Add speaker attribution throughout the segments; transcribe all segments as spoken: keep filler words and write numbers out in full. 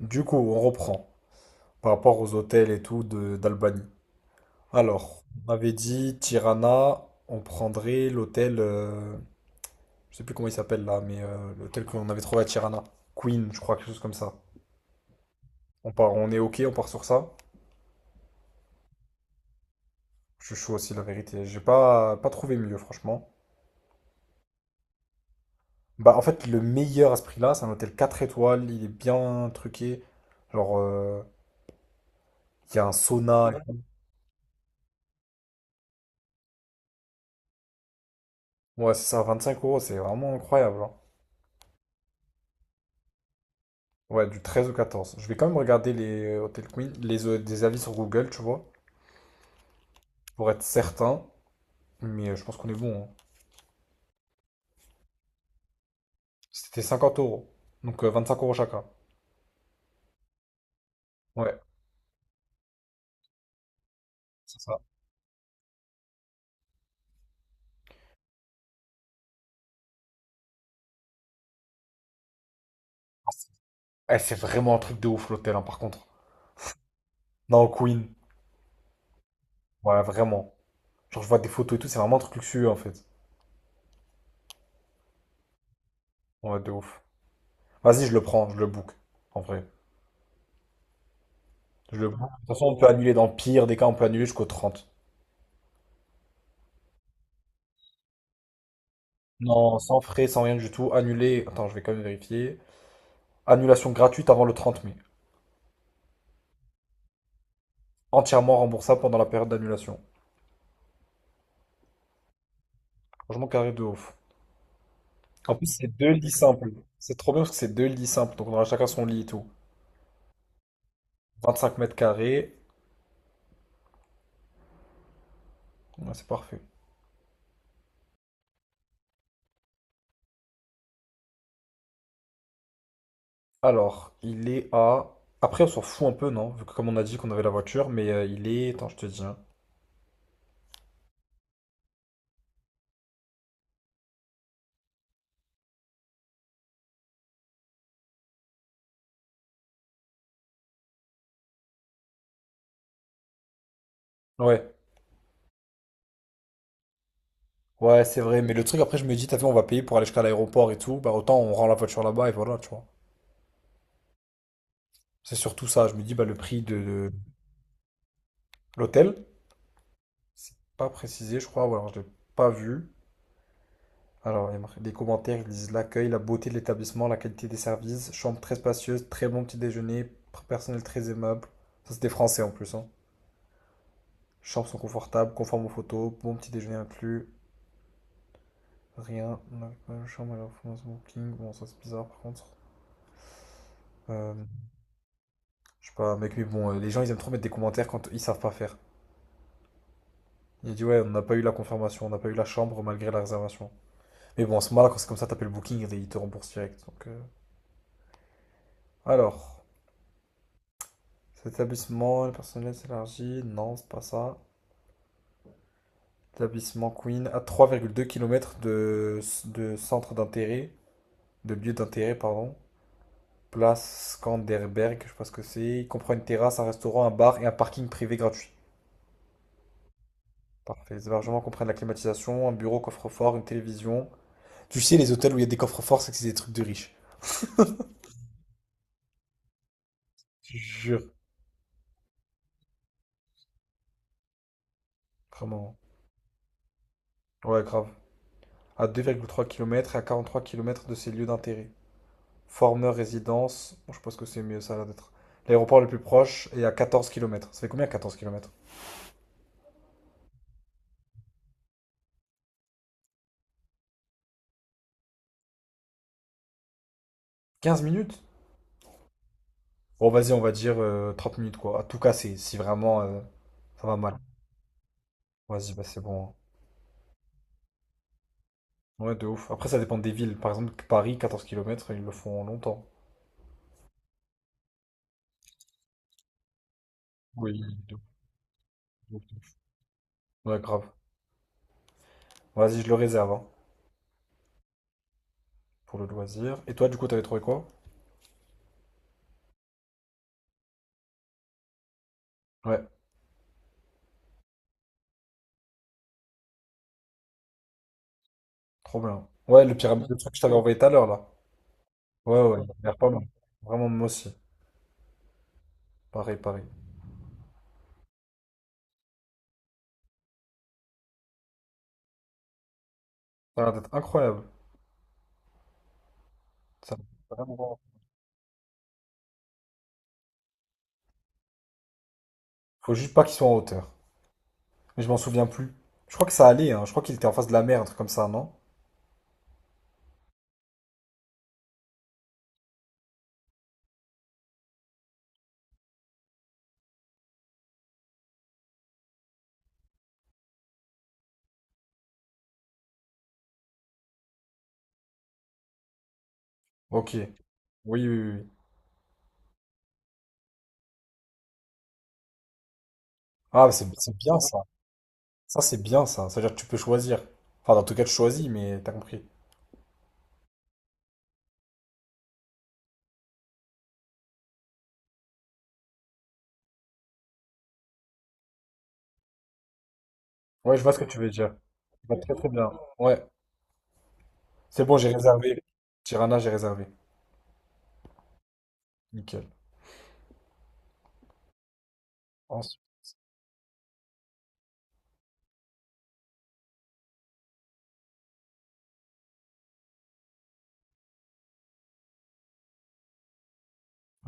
Speaker 1: Du coup, on reprend par rapport aux hôtels et tout de d'Albanie. Alors, on avait dit Tirana, on prendrait l'hôtel, euh, je sais plus comment il s'appelle là, mais euh, l'hôtel qu'on avait trouvé à Tirana, Queen, je crois, quelque chose comme ça. On part, on est OK, on part sur ça. Je suis chaud aussi, la vérité. J'ai pas pas trouvé mieux, franchement. Bah, en fait, le meilleur à ce prix-là, c'est un hôtel quatre étoiles, il est bien truqué. Genre, euh, il y a un sauna. Ouais, c'est ça, Vingt-cinq euros, c'est vraiment incroyable, hein. Ouais, du treize au quatorze. Je vais quand même regarder les euh, Hotel Queen, les, euh, des avis sur Google, tu vois, pour être certain. Mais euh, je pense qu'on est bon, hein. C'était cinquante euros. Donc euh, cinq euros chacun. Ouais, c'est ça. Ah, c'est eh, c'est vraiment un truc de ouf l'hôtel, hein, par contre. Non, Queen. Ouais, vraiment. Genre, je vois des photos et tout, c'est vraiment un truc luxueux en fait. Ouais, de ouf. Vas-y, je le prends, je le book. En vrai. Je le book. De toute façon, on peut annuler dans le pire des cas, on peut annuler jusqu'au trente. Non, sans frais, sans rien du tout. Annuler. Attends, je vais quand même vérifier. Annulation gratuite avant le trente mai. Entièrement remboursable pendant la période d'annulation. Franchement, carré de ouf. En plus, c'est deux lits simples. C'est trop bien parce que c'est deux lits simples. Donc, on aura chacun son lit et tout. vingt-cinq mètres carrés. Ouais, c'est parfait. Alors, il est à. Après, on s'en fout un peu, non? Vu que, comme on a dit qu'on avait la voiture, mais euh, il est. Attends, je te dis, hein. Ouais. Ouais, c'est vrai. Mais le truc, après, je me dis, t'as vu, on va payer pour aller jusqu'à l'aéroport et tout. Bah, autant on rend la voiture là-bas et voilà, tu vois. C'est surtout ça. Je me dis, bah, le prix de de l'hôtel, c'est pas précisé, je crois. Ou alors, je l'ai pas vu. Alors, il y a marqué- les commentaires, ils disent l'accueil, la beauté de l'établissement, la qualité des services, chambre très spacieuse, très bon petit déjeuner, pr- personnel très aimable. Ça, c'est des Français en plus, hein. Chambres sont confortables, conformes aux photos, bon petit déjeuner inclus, rien. On avait pas une chambre à la Fondation Booking. Bon, ça c'est bizarre par contre. Euh, je sais pas, mec, mais bon, euh, les gens ils aiment trop mettre des commentaires quand ils savent pas faire. Il dit ouais, on n'a pas eu la confirmation, on n'a pas eu la chambre malgré la réservation. Mais bon, à ce moment-là, quand c'est comme ça, t'appelles Booking et ils te remboursent direct. Donc, euh, alors. L'établissement, le personnel s'élargit. Non, c'est pas ça. Établissement Queen à trois virgule deux km de, de centre d'intérêt, de lieu d'intérêt, pardon. Place Skanderberg, je sais pas ce que c'est. Il comprend une terrasse, un restaurant, un bar et un parking privé gratuit. Parfait. Les hébergements comprennent la climatisation, un bureau, coffre-fort, une télévision. Tu sais, les hôtels où il y a des coffres-forts, c'est que c'est des trucs de riches. Je jure, vraiment. Ouais, grave. À deux virgule trois km et à quarante-trois kilomètres de ces lieux d'intérêt. Former résidence. Bon, je pense que c'est mieux ça là d'être. L'aéroport le plus proche est à quatorze kilomètres. Ça fait combien? Quatorze kilomètres? Quinze minutes? Bon, vas-y, on va dire euh, trente minutes quoi. À tout casser, si vraiment euh, ça va mal. Vas-y, bah c'est bon, hein. Ouais, de ouf. Après, ça dépend des villes. Par exemple, Paris, quatorze kilomètres, ils le font longtemps. Oui, de ouf, de ouf, de ouf. Ouais, grave. Vas-y, je le réserve hein, pour le loisir. Et toi, du coup, t'avais trouvé quoi? Ouais, trop bien. Ouais, le pyramide, le truc que je t'avais envoyé tout à l'heure là. Ouais, ouais, ouais, il a l'air pas mal. Vraiment, moi aussi. Pareil, pareil. Ça a l'air d'être incroyable. Ça me vraiment. Faut juste pas qu'ils soient en hauteur. Mais je m'en souviens plus. Je crois que ça allait, hein. Je crois qu'il était en face de la mer, un truc comme ça, non? OK. Oui, oui, oui, oui. Ah, c'est c'est bien ça. Ça, c'est bien ça. C'est-à-dire que tu peux choisir. Enfin, dans tout cas, tu choisis, mais t'as compris. Ouais, je vois ce que tu veux dire. Je vois très très bien. Ouais. C'est bon, j'ai réservé. Tirana, j'ai réservé. Nickel. Ensuite,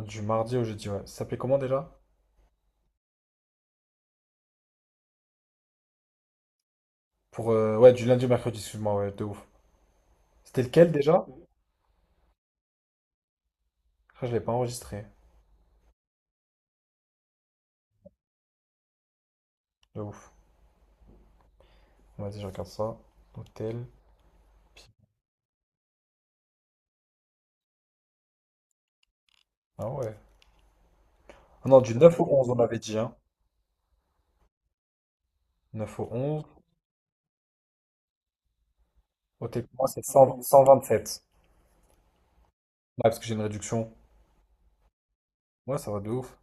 Speaker 1: du mardi au jeudi, ouais. Ça s'appelait comment déjà? Pour, euh, ouais, du lundi au mercredi, excuse-moi, ouais, de ouf. C'était lequel déjà? Je crois que je l'ai pas enregistré. De ouf. Vas-y, je regarde ça. Hôtel, ah ouais. Ah non, du neuf au onze, on avait dit, hein. neuf au onze. Ôtez pour moi, c'est cent cent vingt-sept. Ouais, parce que j'ai une réduction. Ouais, ça va de ouf.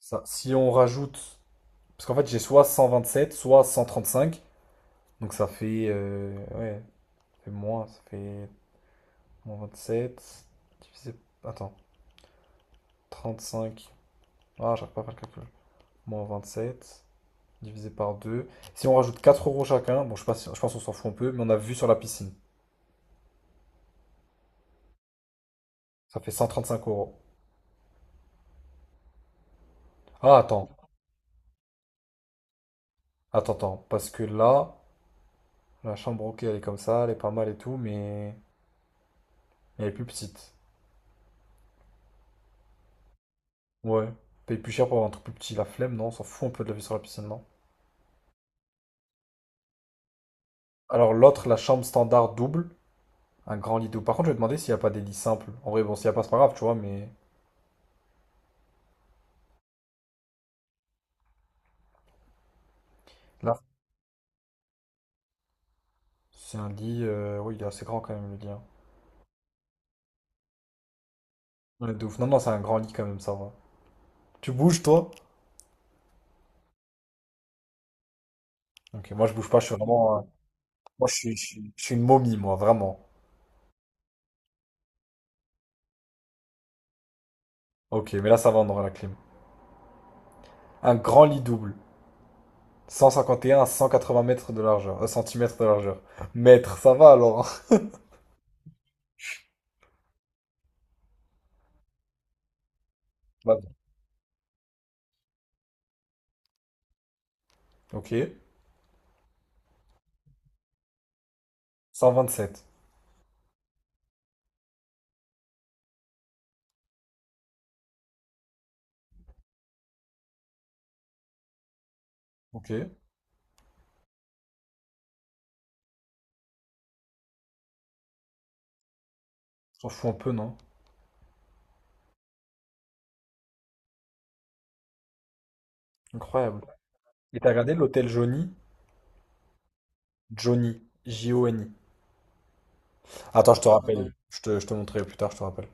Speaker 1: Ça, si on rajoute. Parce qu'en fait, j'ai soit cent vingt-sept, soit cent trente-cinq. Donc ça fait, euh, ouais, ça fait moins. Ça fait moins vingt-sept. Divisé. Attends, trente-cinq. Ah, j'arrive pas à faire le calcul. Moins vingt-sept. Divisé par deux. Si on rajoute quatre euros chacun, bon, je sais pas si- je pense qu'on s'en fout un peu, mais on a vu sur la piscine. Ça fait cent trente-cinq euros. Ah, attends. Attends, attends. Parce que là. La chambre, OK, elle est comme ça, elle est pas mal et tout, mais elle est plus petite. Ouais. Paye plus cher pour avoir un truc plus petit, la flemme, non, on s'en fout un peu de la vue sur la piscine, non? Alors l'autre, la chambre standard double, un grand lit double. Par contre, je vais demander s'il n'y a pas des lits simples. En vrai, bon, s'il n'y a pas, c'est pas grave, tu vois, mais là, c'est un lit, euh, oui, il est assez grand quand même, le lit, hein. Ouais, de ouf. Non, non, c'est un grand lit quand même, ça va. Tu bouges, toi? OK, moi je bouge pas, je suis vraiment. euh, Moi je suis, je suis, je suis une momie, moi, vraiment. OK, mais là ça va, on aura la clim. Un grand lit double. cent cinquante et un à cent quatre-vingts mètres de largeur, euh, centimètres de largeur. Mètres, ça va alors. Vas-y. OK. cent vingt-sept. OK. S'en fout un peu, non? Incroyable. Et t'as regardé l'hôtel Johnny? Johnny. J-O-N-I. Attends, je te rappelle. Je te, je te montrerai plus tard, je te rappelle.